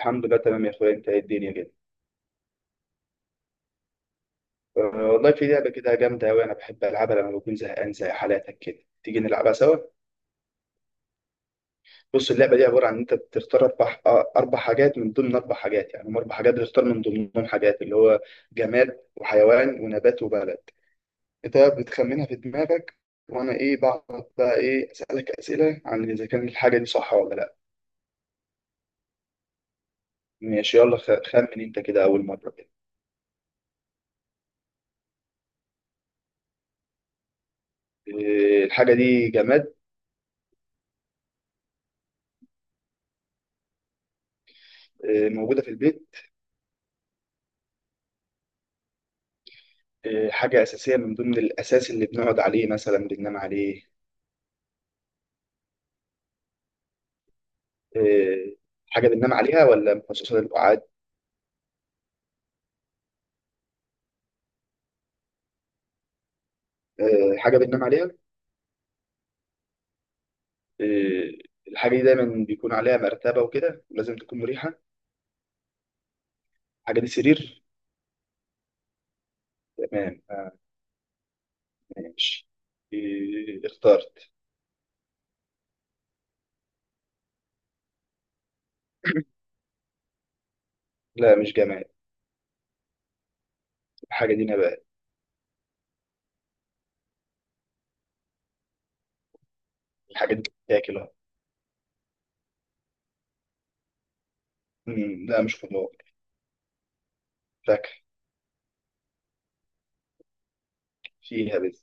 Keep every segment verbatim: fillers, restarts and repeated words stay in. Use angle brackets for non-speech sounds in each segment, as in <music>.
الحمد لله تمام يا اخويا. انت إيه الدنيا كده؟ آه، والله في لعبه كده جامده قوي، انا بحب العبها لما بكون زهقان زي حالاتك كده. تيجي نلعبها سوا؟ بص اللعبه دي عباره عن ان انت بتختار اربع آه، اربع حاجات، من ضمن اربع حاجات يعني، هم اربع حاجات بتختار من ضمنهم حاجات، اللي هو جماد وحيوان ونبات وبلد. انت بتخمنها في دماغك، وانا ايه بقعد بقى ايه اسالك اسئله عن اذا كان الحاجه دي صح ولا لا. ماشي يلا، خ- خمن انت كده اول مره كده. آه، الحاجه دي جماد؟ آه، موجوده في البيت؟ إيه، حاجة أساسية من ضمن الأساس اللي بنقعد عليه مثلا، بننام عليه. إيه، حاجة بننام عليها ولا مخصصة للقعاد؟ إيه، حاجة بننام عليها. إيه، الحاجة دي دايما بيكون عليها مرتبة وكده، لازم تكون مريحة. الحاجة دي سرير. تمام آه، ماشي. إيه، اخترت. <clears throat> لا مش جماد. الحاجة دي نبات. الحاجة دي بتتاكل أهو. مم، لا مش خضار. فاكهة. فيها بذر.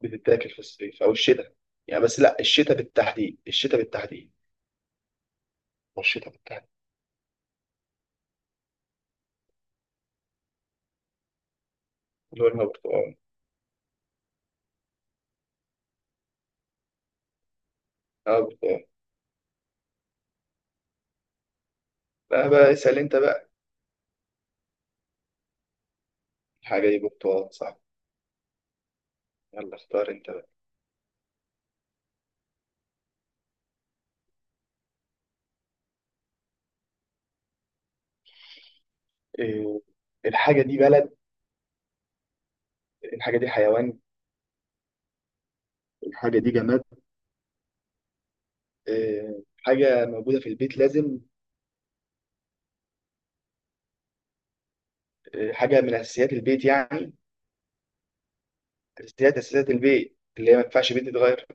بتتاكل في الصيف أو الشتاء، يعني بس لا الشتاء بالتحديد، الشتاء بالتحديد والشتاء بالتحديد. اللي هو البرتقال. اه بتاع. لا بقى اسأل انت بقى. الحاجة دي برتقال صح. يلا اختار انت بقى. إيه؟ الحاجة دي بلد؟ الحاجة دي حيوان؟ الحاجة دي جماد؟ إيه، حاجة موجودة في البيت لازم. إيه، حاجة من أساسيات البيت يعني. أساسيات أساسيات البيت، اللي هي ما ينفعش بيت يتغير.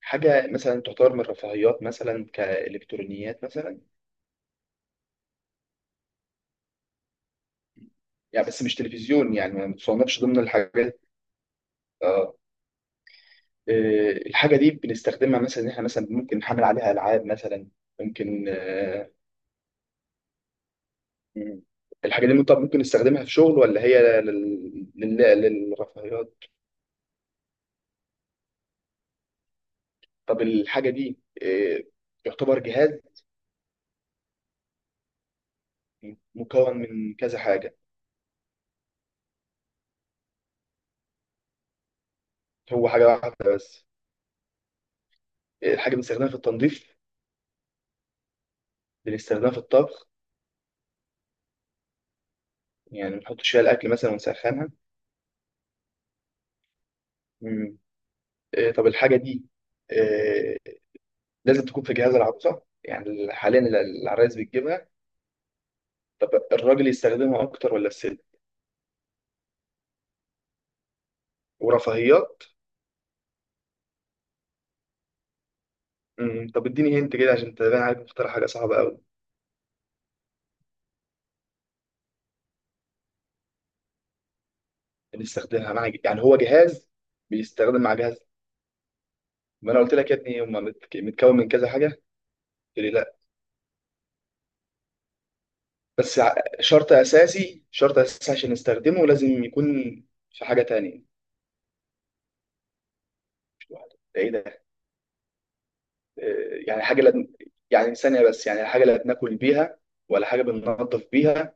حاجة مثلا تعتبر من الرفاهيات، مثلا كإلكترونيات مثلا. يعني بس مش تلفزيون يعني، ما بتصنفش ضمن الحاجات. اه. إيه، الحاجة دي بنستخدمها مثلا إن إحنا مثلا ممكن نحمل عليها ألعاب مثلا؟ ممكن آه، مم. الحاجة دي طب ممكن نستخدمها في شغل ولا هي لل... لل... للرفاهيات؟ طب الحاجة دي إيه؟ يعتبر جهاز؟ مكون من كذا حاجة؟ هو حاجة واحدة بس؟ إيه، الحاجة بنستخدمها في التنظيف؟ بنستخدمها في الطبخ؟ يعني بنحط فيها الأكل مثلا ونسخنها؟ مم. إيه، طب الحاجة دي إيه؟ لازم تكون في جهاز العروسة يعني، حاليا العرايس بتجيبها؟ طب الراجل يستخدمها أكتر ولا الست؟ ورفاهيات. مم. طب اديني هنت كده، عشان تبان عليك مختار حاجة صعبة أوي. بنستخدمها مع، يعني هو جهاز. بيستخدم مع جهاز. ما انا قلت لك يا ابني هم متك- متكون من كذا حاجه، قلت لي لا. بس ع- شرط اساسي، شرط اساسي عشان نستخدمه لازم يكون في حاجه تانية. مش لوحده، ده ايه ده؟ آه، يعني حاجه لا، يعني ثانيه بس يعني، حاجه لا بناكل بيها ولا حاجه بننظف بيها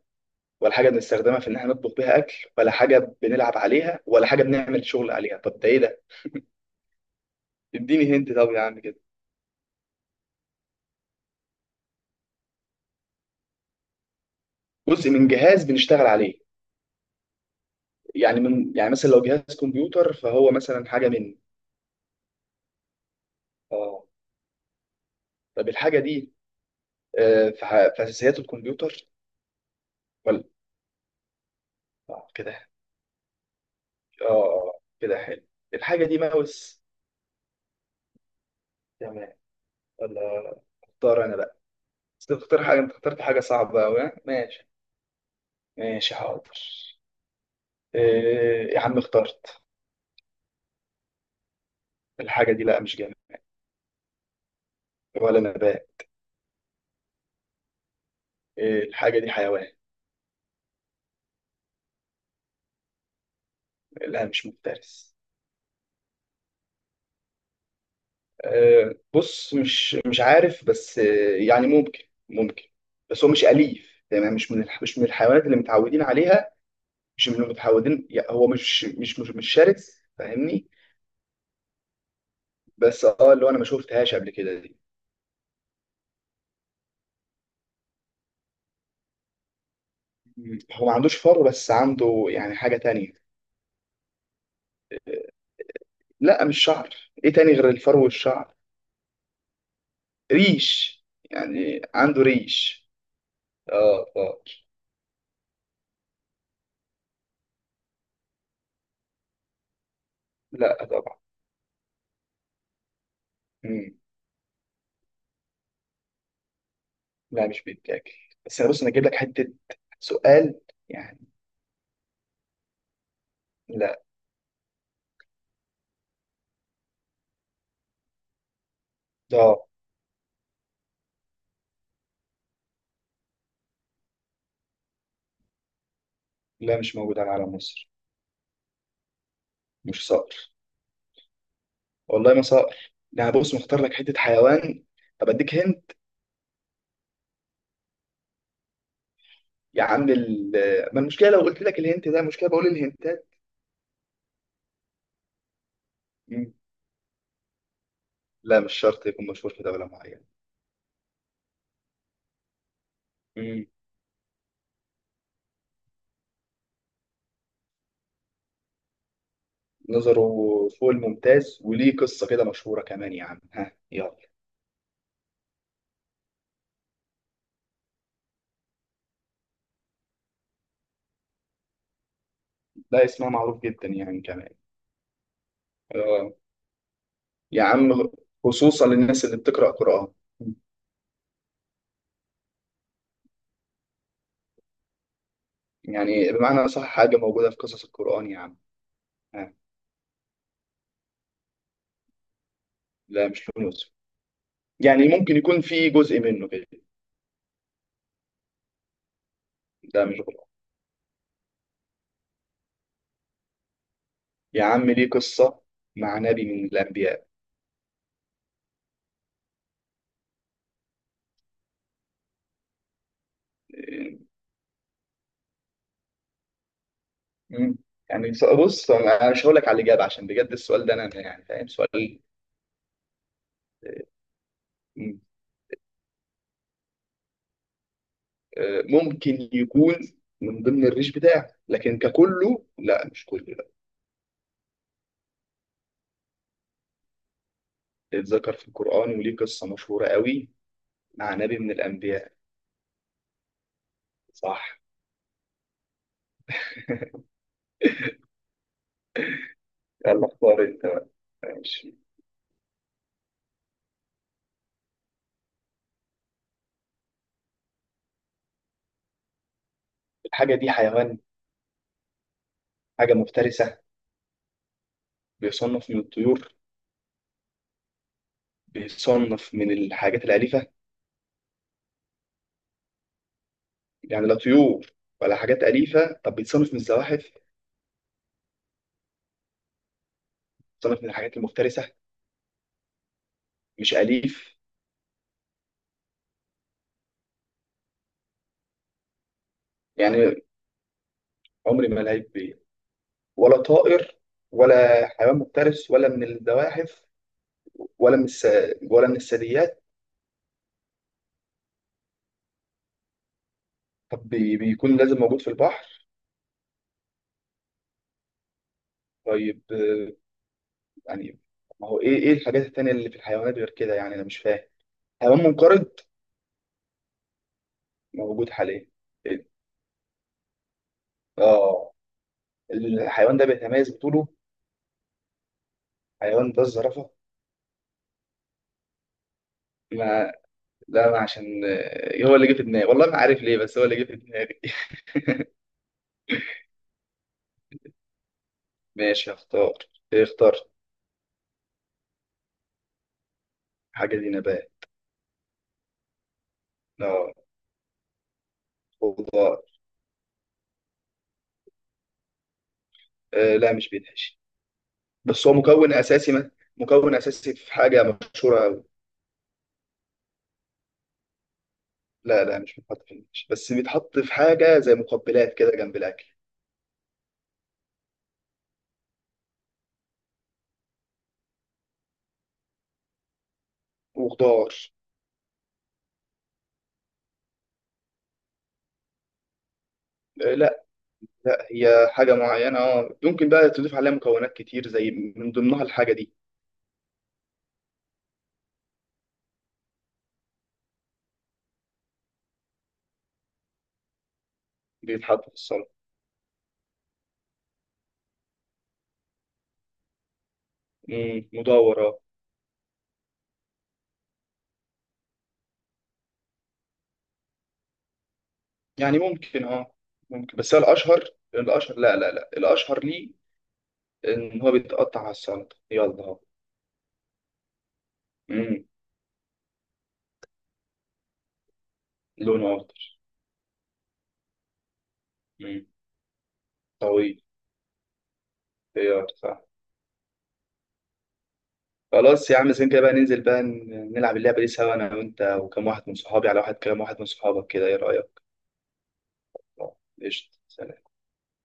ولا حاجه بنستخدمها في ان احنا نطبخ بيها اكل، ولا حاجه بنلعب عليها، ولا حاجه بنعمل شغل عليها، طب ده ايه ده؟ اديني هنت طب يا عم كده. جزء من جهاز بنشتغل عليه؟ يعني من، يعني مثلا لو جهاز كمبيوتر فهو مثلا حاجه مني؟ اه. طب الحاجه دي آه، في ح- في اساسيات الكمبيوتر ولا؟ آه، كده. اه كده حلو. الحاجه دي ماوس. تمام ولا؟ اختار انا بقى. بس تختار حاجه، انت اخترت حاجه صعبه قوي. ماشي، ماشي حاضر. آه، يا عم اخترت. الحاجه دي لا مش جماد. ولا نبات. آه، الحاجه دي حيوان. لا مش مفترس. آه، بص مش مش عارف، بس آه، يعني ممكن، ممكن. بس هو مش أليف، تمام، مش من الح- مش من الحيوانات اللي متعودين عليها، مش من اللي متعودين، يعني هو مش مش مش مش شرس، فاهمني؟ بس اه اللي هو انا ما شفتهاش قبل كده دي. مم. هو ما عندوش فر، بس عنده يعني حاجة تانية. لا مش شعر. ايه تاني غير الفر والشعر؟ ريش. يعني عنده ريش. اه اه. لا طبعا. مم. لا مش بيتاكل. بس انا بص، انا اجيب لك حتة سؤال يعني. لا. اه. لا مش موجود على علم مصر. مش صقر. والله ما صقر. لا بص، مختار لك حته حيوان. طب اديك هنت. يا عم ال... ما المشكله لو قلت لك الهنت ده؟ مشكله بقول الهنتات. مم. لا مش شرط يكون مشهور في دوله معينه. مم. نظره فوق الممتاز، وليه قصه كده مشهوره كمان، يا عم ها يلا. لا اسمها معروف جدا يعني كمان. اه يا عم، خصوصا للناس اللي بتقرا قران. يعني بمعنى صح، حاجه موجوده في قصص القران يا عم ها. لا مش يوسف. يعني ممكن يكون في جزء منه كده. ده مش غلط. يا عم، ليه قصة مع نبي من الأنبياء. مم. يعني س- بص أنا مش هقول لك على الإجابة، عشان بجد السؤال ده أنا يعني فاهم سؤال. مم. آه، ممكن يكون من ضمن الريش بتاعه، لكن ككله لا مش كله لا. اتذكر في القرآن، وليه قصة مشهورة قوي مع نبي من الأنبياء. صح. <laughs> يلا اختار أنت بقى. ماشي. الحاجة دي حيوان؟ حاجة مفترسة؟ بيصنف من الطيور؟ بيصنف من الحاجات الأليفة؟ يعني لا طيور ولا حاجات أليفة؟ طب بيتصنف من الزواحف؟ بيتصنف من الحاجات المفترسة؟ مش أليف يعني. عمري ما لعب بيه. ولا طائر ولا حيوان مفترس ولا من الزواحف ولا من الس... ولا من الثدييات. طب بي... بيكون لازم موجود في البحر؟ طيب آه، يعني ما هو ايه، ايه الحاجات التانية اللي في الحيوانات غير كده يعني، انا مش فاهم. حيوان منقرض؟ موجود حاليا؟ إيه؟ اه. الحيوان ده بيتميز بطوله. حيوان ده الزرافة؟ ما لا انا عشان آه، هو اللي جه في دماغي، والله ما عارف ليه، بس هو اللي جه في دماغي. <laughs> ماشي هختار. إيه اخترت. حاجه دي نبات. لا. خضار. آه، لا مش بيتحشي. بس هو مكون اساسي، ما مكون اساسي في حاجه مشهوره قوي. لا لا مش بيتحط في المحشي، بس بيتحط في حاجه زي مقبلات كده جنب الاكل. وخضار. آه، لا. لا هي حاجه معينه، اه ممكن بقى تضيف عليها مكونات كتير، زي من ضمنها الحاجه دي. بيتحط في السلطه. مم، مدور. يعني ممكن، اه ممكن، بس هو الاشهر. الاشهر لا لا لا الاشهر ليه ان هو بيتقطع على السلطه، يلا اهو. امم، لونه اخضر. امم، طويل. خيار، صح. خلاص يا عم، زين كده بقى، ننزل بقى ن- نلعب اللعبه دي سوا، انا وانت وكم واحد من صحابي على واحد، كام واحد من صحابك كده، ايه رايك؟ آه، قشطه سلام.